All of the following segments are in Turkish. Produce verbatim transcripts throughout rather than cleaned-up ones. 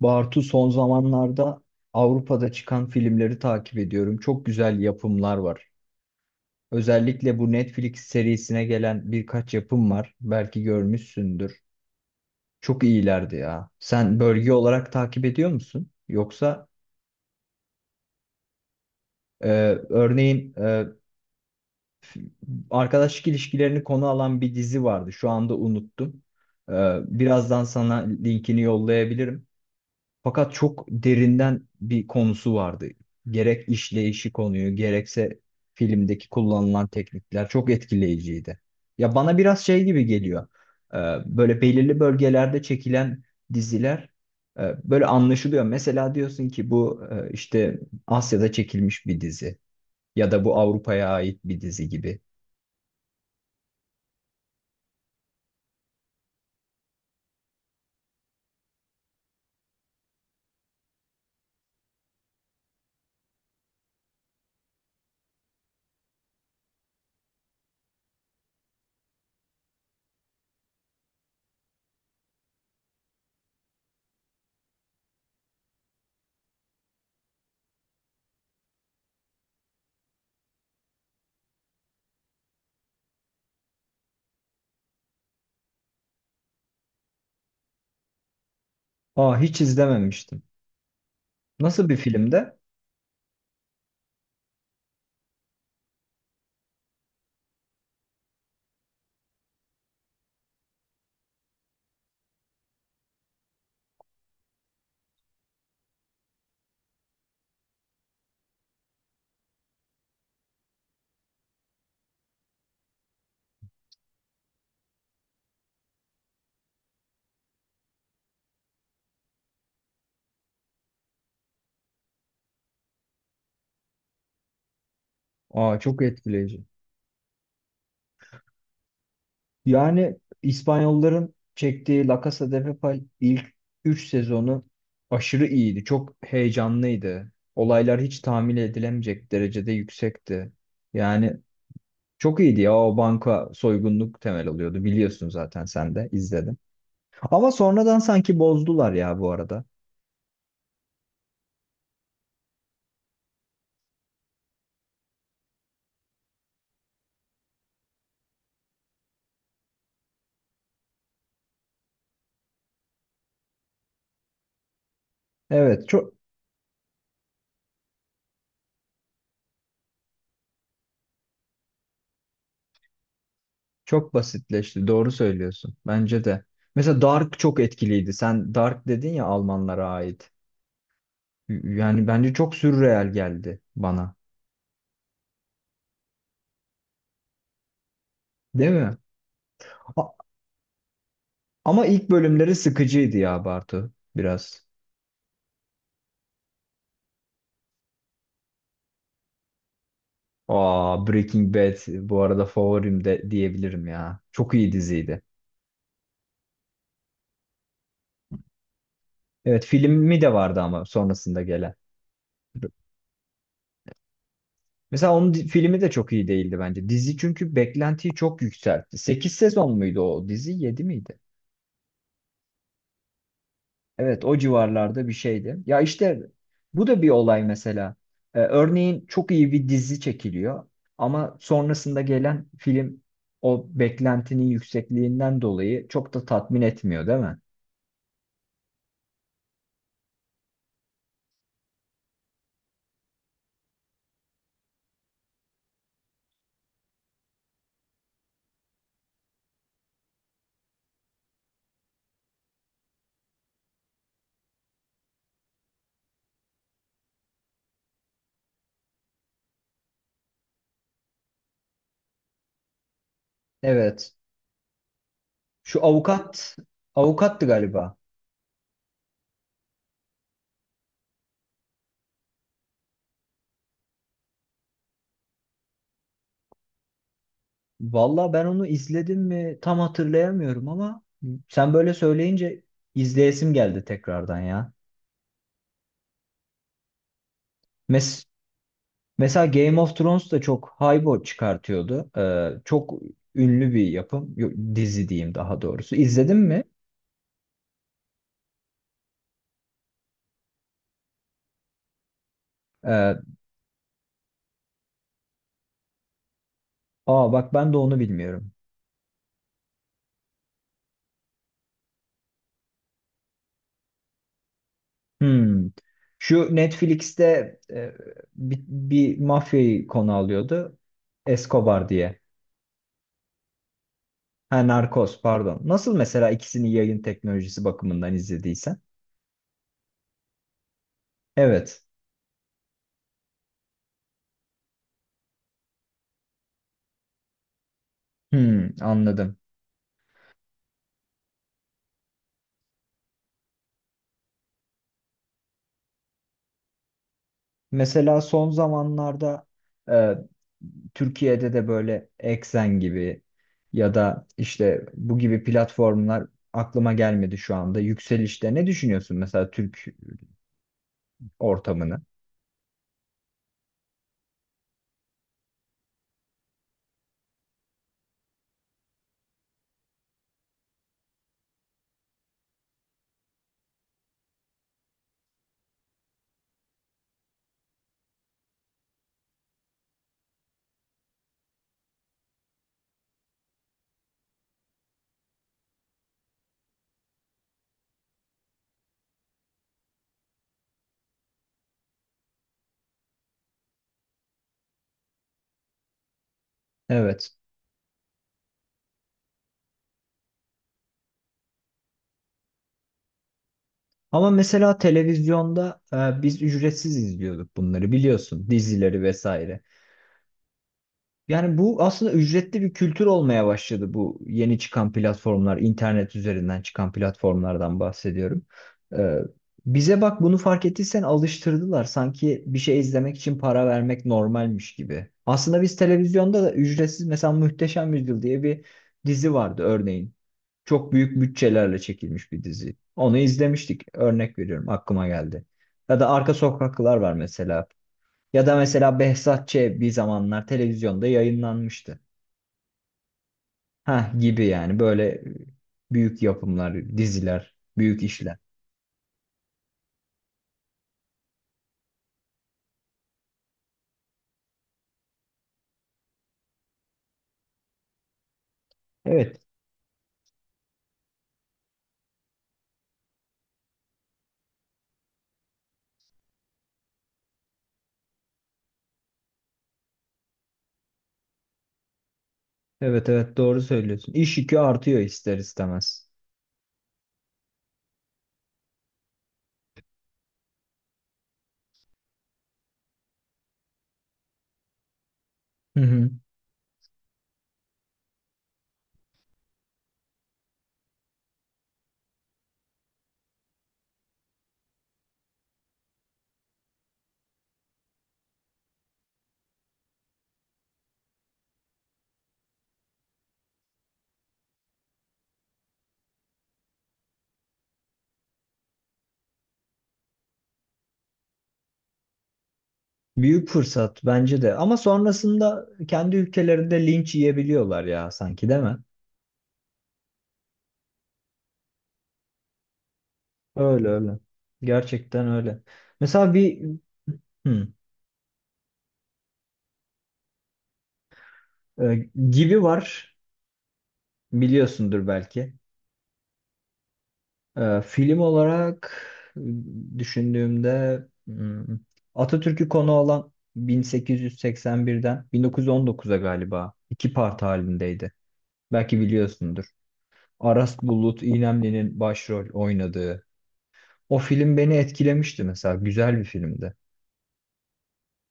Bartu, son zamanlarda Avrupa'da çıkan filmleri takip ediyorum. Çok güzel yapımlar var. Özellikle bu Netflix serisine gelen birkaç yapım var. Belki görmüşsündür. Çok iyilerdi ya. Sen bölge olarak takip ediyor musun? Yoksa e, örneğin e, arkadaşlık ilişkilerini konu alan bir dizi vardı. Şu anda unuttum. E, Birazdan sana linkini yollayabilirim. Fakat çok derinden bir konusu vardı. Gerek işleyişi konuyu, gerekse filmdeki kullanılan teknikler çok etkileyiciydi. Ya bana biraz şey gibi geliyor. Ee, Böyle belirli bölgelerde çekilen diziler e, böyle anlaşılıyor. Mesela diyorsun ki bu e, işte Asya'da çekilmiş bir dizi ya da bu Avrupa'ya ait bir dizi gibi. Aa, hiç izlememiştim. Nasıl bir filmde? Aa, çok etkileyici. Yani İspanyolların çektiği La Casa de Papel ilk üç sezonu aşırı iyiydi. Çok heyecanlıydı. Olaylar hiç tahmin edilemeyecek derecede yüksekti. Yani çok iyiydi ya, o banka soygunluk temel alıyordu. Biliyorsun zaten sen de izledin. Ama sonradan sanki bozdular ya bu arada. Evet, çok çok basitleşti. Doğru söylüyorsun. Bence de. Mesela Dark çok etkiliydi. Sen Dark dedin ya, Almanlara ait. Yani bence çok sürreal geldi bana. Değil mi? A- Ama ilk bölümleri sıkıcıydı ya Bartu, biraz. Aa, Breaking Bad bu arada favorim de diyebilirim ya. Çok iyi diziydi. Evet, filmi de vardı ama sonrasında gelen. Mesela onun di- filmi de çok iyi değildi bence. Dizi çünkü beklentiyi çok yükseltti. Sekiz sezon muydu o dizi? Yedi miydi? Evet, o civarlarda bir şeydi. Ya işte bu da bir olay mesela. Ee, örneğin çok iyi bir dizi çekiliyor ama sonrasında gelen film o beklentinin yüksekliğinden dolayı çok da tatmin etmiyor, değil mi? Evet. Şu avukat, avukattı galiba. Valla ben onu izledim mi tam hatırlayamıyorum ama sen böyle söyleyince izleyesim geldi tekrardan ya. Mes Mesela Game of Thrones da çok haybo çıkartıyordu. Ee, çok ünlü bir yapım. Yo- Dizi diyeyim daha doğrusu. İzledin mi? Ee, Aa bak, ben de onu bilmiyorum. Hmm. Şu Netflix'te, e, bir, bir mafyayı konu alıyordu. Escobar diye. Ha, Narcos pardon. Nasıl mesela ikisini yayın teknolojisi bakımından izlediysen? Evet. Hmm, anladım. Mesela son zamanlarda e, Türkiye'de de böyle Exxen gibi ya da işte bu gibi platformlar aklıma gelmedi şu anda. Yükselişte ne düşünüyorsun mesela Türk ortamını? Evet. Ama mesela televizyonda e, biz ücretsiz izliyorduk bunları, biliyorsun, dizileri vesaire. Yani bu aslında ücretli bir kültür olmaya başladı, bu yeni çıkan platformlar, internet üzerinden çıkan platformlardan bahsediyorum. Ee, Bize bak, bunu fark ettiysen alıştırdılar. Sanki bir şey izlemek için para vermek normalmiş gibi. Aslında biz televizyonda da ücretsiz, mesela Muhteşem Yüzyıl diye bir dizi vardı örneğin. Çok büyük bütçelerle çekilmiş bir dizi. Onu izlemiştik. Örnek veriyorum, aklıma geldi. Ya da Arka Sokaklar var mesela. Ya da mesela Behzat Ç. bir zamanlar televizyonda yayınlanmıştı. Ha, gibi yani böyle e, büyük yapımlar, diziler, büyük işler. Evet, evet, evet doğru söylüyorsun. İş yükü artıyor ister istemez. Hı hı. Büyük fırsat bence de. Ama sonrasında kendi ülkelerinde linç yiyebiliyorlar ya sanki, değil mi? Öyle öyle. Gerçekten öyle. Mesela bir hı, e, gibi var, biliyorsundur belki. Ee, film olarak düşündüğümde hmm, Atatürk'ü konu alan bin sekiz yüz seksen birden bin dokuz yüz on dokuza galiba iki part halindeydi. Belki biliyorsundur. Aras Bulut İynemli'nin başrol oynadığı. O film beni etkilemişti mesela. Güzel bir filmdi.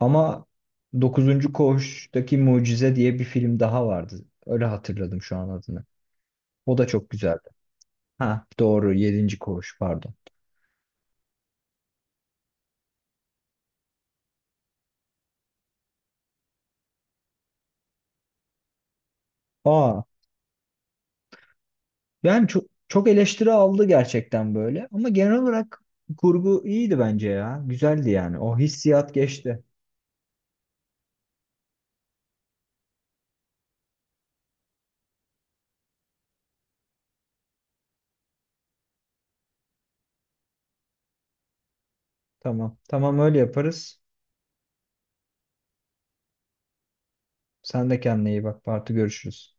Ama Dokuzuncu Koğuş'taki Mucize diye bir film daha vardı. Öyle hatırladım şu an adını. O da çok güzeldi. Ha doğru, Yedinci Koğuş pardon. Aa. Yani çok çok eleştiri aldı gerçekten böyle. Ama genel olarak kurgu iyiydi bence ya. Güzeldi yani. O hissiyat geçti. Tamam. Tamam, öyle yaparız. Sen de kendine iyi bak. Parti görüşürüz.